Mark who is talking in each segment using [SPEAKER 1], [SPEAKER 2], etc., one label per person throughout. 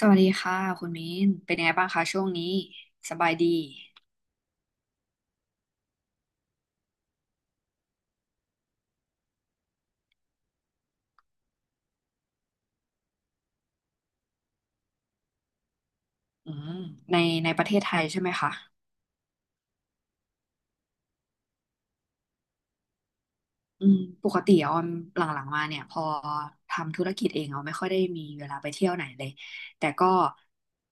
[SPEAKER 1] สวัสดีค่ะคุณมิ้นเป็นยังไงบ้างคะช่วงนี้สบายดีอืมในประเทศไทยใช่ไหมคะอืมปกติออมหลังๆมาเนี่ยพอทำธุรกิจเองออมไม่ค่อยได้มีเวลาไปเที่ยวไหนเลยแต่ก็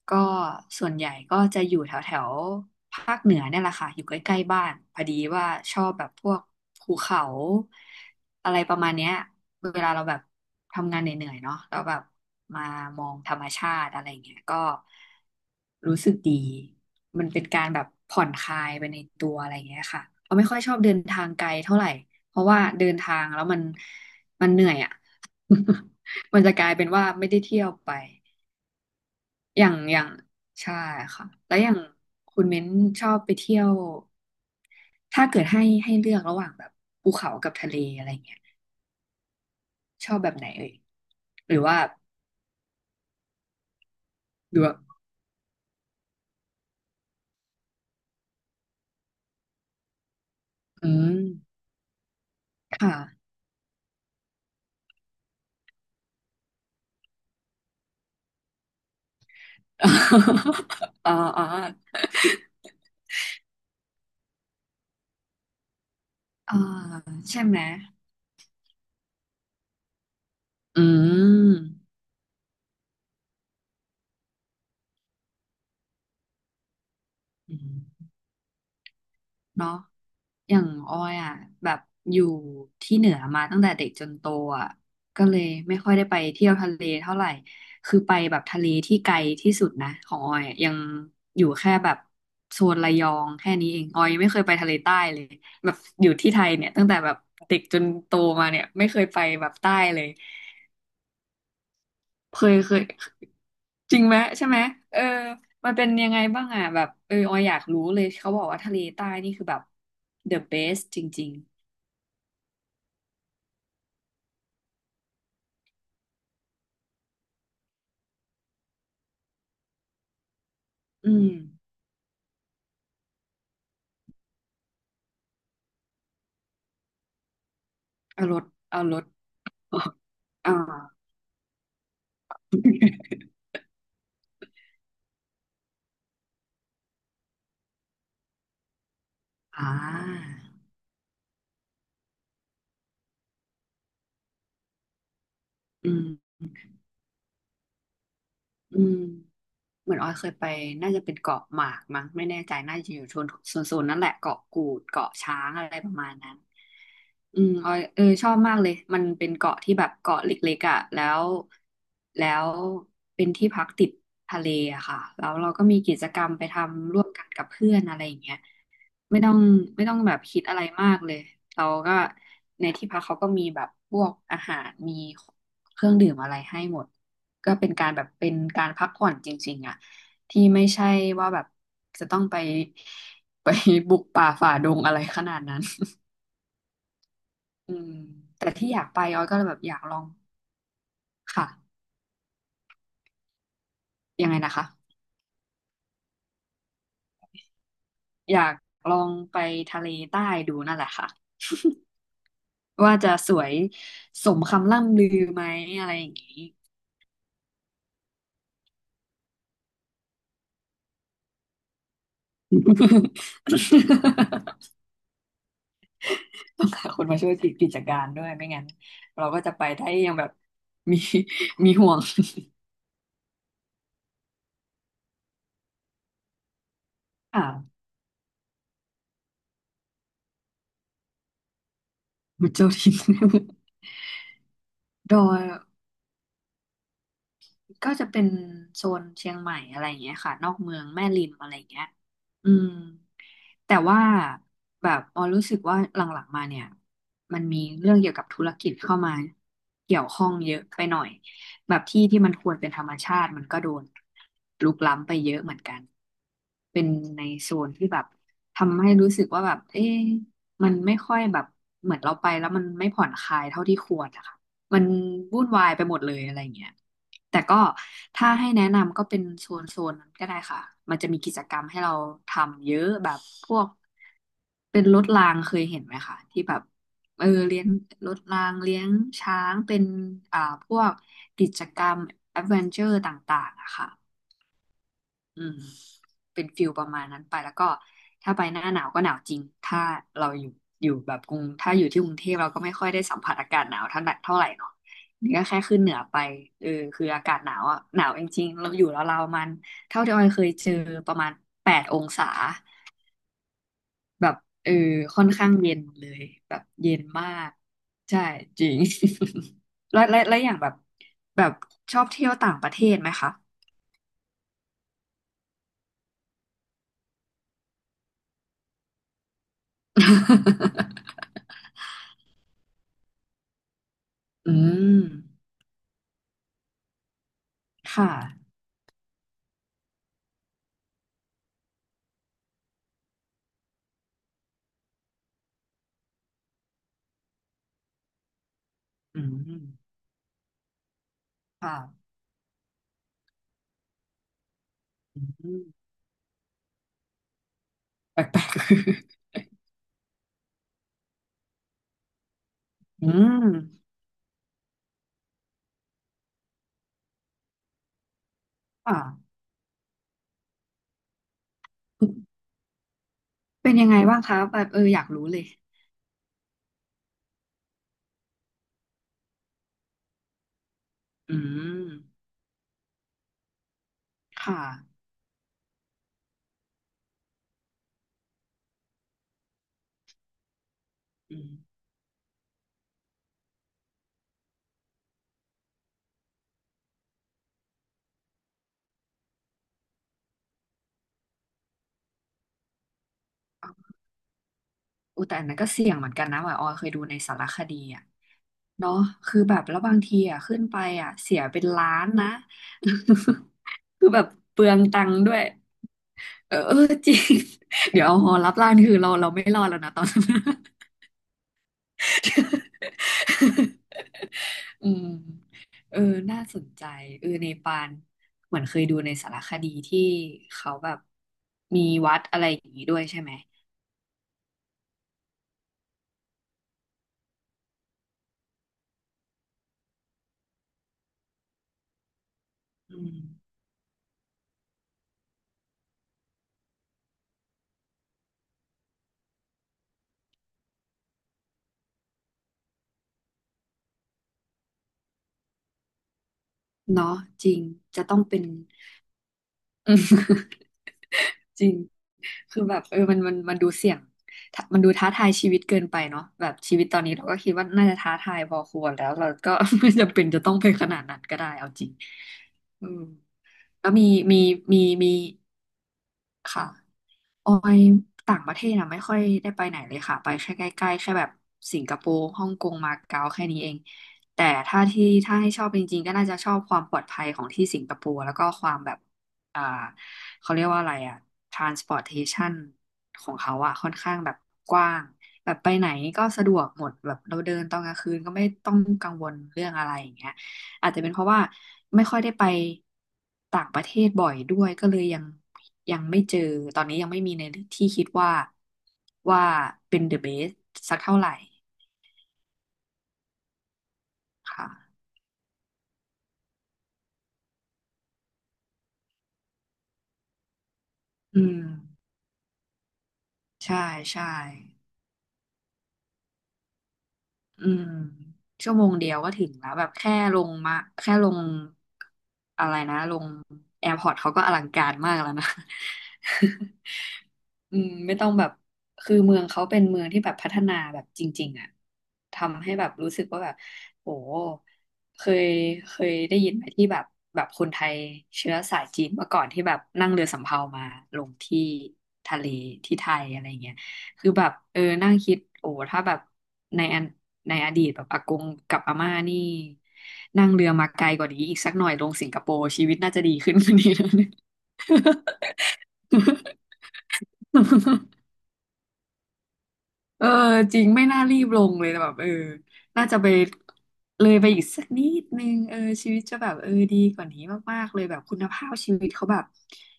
[SPEAKER 1] ก็ส่วนใหญ่ก็จะอยู่แถวแถวภาคเหนือเนี่ยแหละค่ะอยู่ใกล้ๆบ้านพอดีว่าชอบแบบพวกภูเขาอะไรประมาณเนี้ยเวลาเราแบบทำงานเหนื่อยๆเนาะแล้วแบบมามองธรรมชาติอะไรอย่างเงี้ยก็ รู้สึกดี มันเป็นการแบบผ่อนคลายไปในตัวอะไรอย่างเงี้ยค่ะเราไม่ค่อยชอบเดินทางไกลเท่าไหร่เพราะว่าเดินทางแล้วมันเหนื่อยอ่ะ มันจะกลายเป็นว่าไม่ได้เที่ยวไป อย่างใช่ค่ะแล้วอย่างคุณเม้นชอบไปเที่ยว ถ้าเกิดให้เลือกระหว่างแบบภูเขากับทะเลอะไรเงี้ยชอบแบบไหนเอ่ยหรือว่าหรือว่าอืมค่ะ อ่าอ่าอ่าใช่ไหม อืมอืมเนาะอย่างออยอ่ะแบบอยู่ที่เหนือมาตั้งแต่เด็กจนโตอ่ะก็เลยไม่ค่อยได้ไปเที่ยวทะเลเท่าไหร่คือไปแบบทะเลที่ไกลที่สุดนะของออยอะยังอยู่แค่แบบโซนระยองแค่นี้เองออยยังไม่เคยไปทะเลใต้เลยแบบอยู่ที่ไทยเนี่ยตั้งแต่แบบเด็กจนโตมาเนี่ยไม่เคยไปแบบใต้เลยเคย จริงไหมใช่ไหมเออมันเป็นยังไงบ้างอ่ะแบบเออออยอยากรู้เลยเขาบอกว่าทะเลใต้นี่คือแบบ the best จริงๆอืมเอารถเอารถ อ่า อ่าอืมอืม เหมือนออยเคยไปน่าจะเป็นเกาะหมากมั้งไม่แน่ใจน่าจะอยู่โซนนั่นแหละเกาะกูดเกาะช้างอะไรประมาณนั้นอืมออยเออชอบมากเลยมันเป็นเกาะที่แบบเกาะเล็กๆอ่ะแล้วแล้วเป็นที่พักติดทะเลอะค่ะแล้วเราก็มีกิจกรรมไปทำร่วมกันกับเพื่อนอะไรอย่างเงี้ย ไม่ต้องไม่ต้องแบบคิดอะไรมากเลยเราก็ในที่พักเขาก็มีแบบพวกอาหารมีเครื่องดื่มอะไรให้หมดก็เป็นการแบบเป็นการพักผ่อนจริงๆอ่ะที่ไม่ใช่ว่าแบบจะต้องไปไปบุกป่าฝ่าดงอะไรขนาดนั้นอืมแต่ที่อยากไปออยก็แบบอยากลองค่ะยังไงนะคะอยากลองไปทะเลใต้ดูนั่นแหละค่ะว่าจะสวยสมคำล่ำลือไหมอะไรอย่างนี้ ต้องหาคนมาช่วยกิจการด้วยไม่งั้นเราก็จะไปได้ยังแบบมี มีห่วง อ่ามุจาริน ดอย ก็จะเป็นโซนเชียงใหม่อะไรอย่างเงี้ยค่ะนอกเมืองแม่ริมอะไรอย่างเงี้ยอืมแต่ว่าแบบออรู้สึกว่าหลังๆมาเนี่ยมันมีเรื่องเกี่ยวกับธุรกิจเข้ามาเกี่ยวข้องเยอะไปหน่อยแบบที่มันควรเป็นธรรมชาติมันก็โดนรุกล้ำไปเยอะเหมือนกันเป็นในโซนที่แบบทำให้รู้สึกว่าแบบเอ๊ะมันไม่ค่อยแบบเหมือนเราไปแล้วมันไม่ผ่อนคลายเท่าที่ควรนะคะ มันวุ่นวายไปหมดเลยอะไรอย่างเงี้ยแต่ก็ถ้าให้แนะนำก็เป็นโซนนั้นก็ได้ค่ะ มันจะมีกิจกรรมให้เราทำเยอะแบบพวกเป็นรถรางเคยเห็นไหมคะที่แบบเออเลี้ยงรถรางเลี้ยงช้างเป็นอ่าพวกกิจกรรมแอดเวนเจอร์ต่างๆอะค่ะ อืมเป็นฟิลประมาณนั้นไปแล้วก็ถ้าไปหน้าหนาวก็หนาวจริงถ้าเราอยู่แบบกรุงถ้าอยู่ที่กรุงเทพเราก็ไม่ค่อยได้สัมผัสอากาศหนาวเท่าไหร่เนาะนี่ก็แค่ขึ้นเหนือไปเออคืออากาศหนาวอ่ะหนาวจริงๆเราอยู่แล้วเราวๆมันเท่าที่ออยเคยเจอประมาณ8 องศาแบบเออค่อนข้างเย็นเลยแบบเย็นมากใช่จริง แล้วและและอย่างแบบแบบชอบเที่ยวต่างประเทศไหมคะ อืม ค่ะอืมค่ะอืมแปลกๆ อืมค่ะ เป็นยังไงบ้างคะแบบเอออยากรู้เลยอืมค่ะอืมอุยแต่อันนั้นก็เสี่ยงเหมือนกันนะหมายออยเคยดูในสารคดีอ่ะเนาะคือแบบแล้วบางทีอ่ะขึ้นไปอ่ะเสียเป็นล้านนะ คือแบบเปลืองตังค์ด้วยเออจริง เดี๋ยวเอาหอรับล้านคือเราไม่รอดแล้วนะตอนนั้น อืมเออน่าสนใจเออเนปาลเหมือนเคยดูในสารคดีที่เขาแบบมีวัดอะไรอย่างนี้ด้วยใช่ไหมอืมเนาะจริงจะต้องเป็น อืม จริงคือแบบมันดูเสี่ยงถ้ามันดูท้าทายชีวิตเกินไปเนาะแบบชีวิตตอนนี้เราก็คิดว่าน่าจะท้าทายพอควรแล้วเราก็ ไม่จำเป็นจะต้องไปขนาดนั้นก็ได้เอาจริงอืม แล้วมีมีค่ะออยต่างประเทศอะไม่ค่อยได้ไปไหนเลยค่ะไปแค่ใกล้ๆแค่แบบสิงคโปร์ฮ่องกงมาเก๊าแค่นี้เองแต่ถ้าที่ถ้าให้ชอบจริงๆก็น่าจะชอบความปลอดภัยของที่สิงคโปร์แล้วก็ความแบบอ่าเขาเรียกว่าอะไรอะ transportation ของเขาอะค่อนข้างแบบกว้างแบบไปไหนก็สะดวกหมดแบบเราเดินตอนกลางคืนก็ไม่ต้องกังวลเรื่องอะไรอย่างเงี้ย อาจจะเป็นเพราะว่าไม่ค่อยได้ไปต่างประเทศบ่อยด้วยก็เลยยังไม่เจอตอนนี้ยังไม่มีในที่คิดว่าว่าเป็น the best สักเท่าไหร่ค่ะอืมใช่ใช่อืมชั่วโมงเดียวก็ถึงแล้วแบบแค่ลงมาแค่ลงอะไรนะลงแอร์พอร์ตเขาก็อลังการมากแล้วนะ อืมไม่ต้องแบบคือเมืองเขาเป็นเมืองที่แบบพัฒนาแบบจริงๆอ่ะทำให้แบบรู้สึกว่าแบบโหเคยเคยได้ยินไหมที่แบบคนไทยเชื้อสายจีนเมื่อก่อนที่แบบนั่งเรือสำเภามาลงที่ทะเลที่ไทยอะไรเงี้ยคือแบบนั่งคิดโอ้ถ้าแบบในอันในอดีตแบบอากงกับอาม่านี่นั่งเรือมาไกลกว่านี้อีกสักหน่อยลงสิงคโปร์ชีวิตน่าจะดีขึ้นกว่านี้แล้วเนี่ย เออจริงไม่น่ารีบลงเลยแบบเออน่าจะไปเลยไปอีกสักนิดนึงเออชีวิตจะแบบเออดีกว่านี้มากๆเลยแบบคุณภาพชีวิตเขาแบบ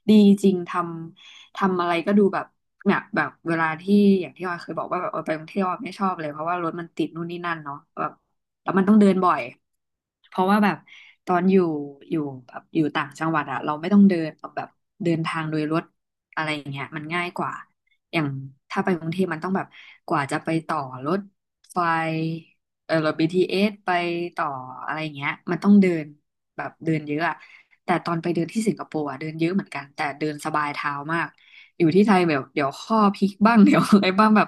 [SPEAKER 1] ดีจริงทำอะไรก็ดูแบบเนี่ยแบบเวลาที่อย่างที่ออยเคยบอกว่าแบบเออไปท่องเที่ยวออยไม่ชอบเลยเพราะว่ารถมันติดนู่นนี่นั่นเนาะแบบแล้วมันต้องเดินบ่อยเพราะว่าแบบตอนอยู่แบบอยู่ต่างจังหวัดอะเราไม่ต้องเดินแบบเดินทางโดยรถอะไรอย่างเงี้ยมันง่ายกว่า อย่างถ้าไปกรุงเทพมันต้องแบบกว่าจะไปต่อรถไฟเออรถ BTS ไปต่ออะไรอย่างเงี้ยมันต้องเดินแบบเดินเยอะอะแต่ตอนไปเดินที่สิงคโปร์อะเดินเยอะเหมือนกันแต่เดินสบายเท้ามากอยู่ที่ไทยแบบเดี๋ยวข้อพลิกบ้าง เดี๋ยวอะไรบ้างแบบ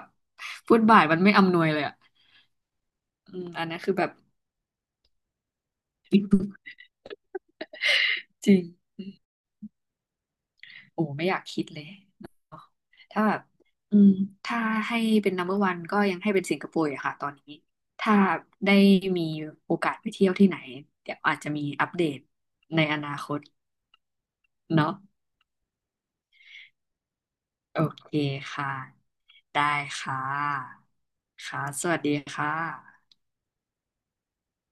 [SPEAKER 1] ฟุตบาทมันไม่อำนวยเลยอะอืมอันนั้นคือแบบ จริง โอ้ไม่อยากคิดเลยเนาะถ้าแบบอืมถ้าให้เป็น number one ก็ยังให้เป็นสิงคโปร์อะค่ะตอนนี้ถ้าได้มีโอกาสไปเที่ยวที่ไหนเดี๋ยวอาจจะมีอัปเดตในอนาคตเนาะโอเคค่ะได้ค่ะค่ะสวัสดีค่ะ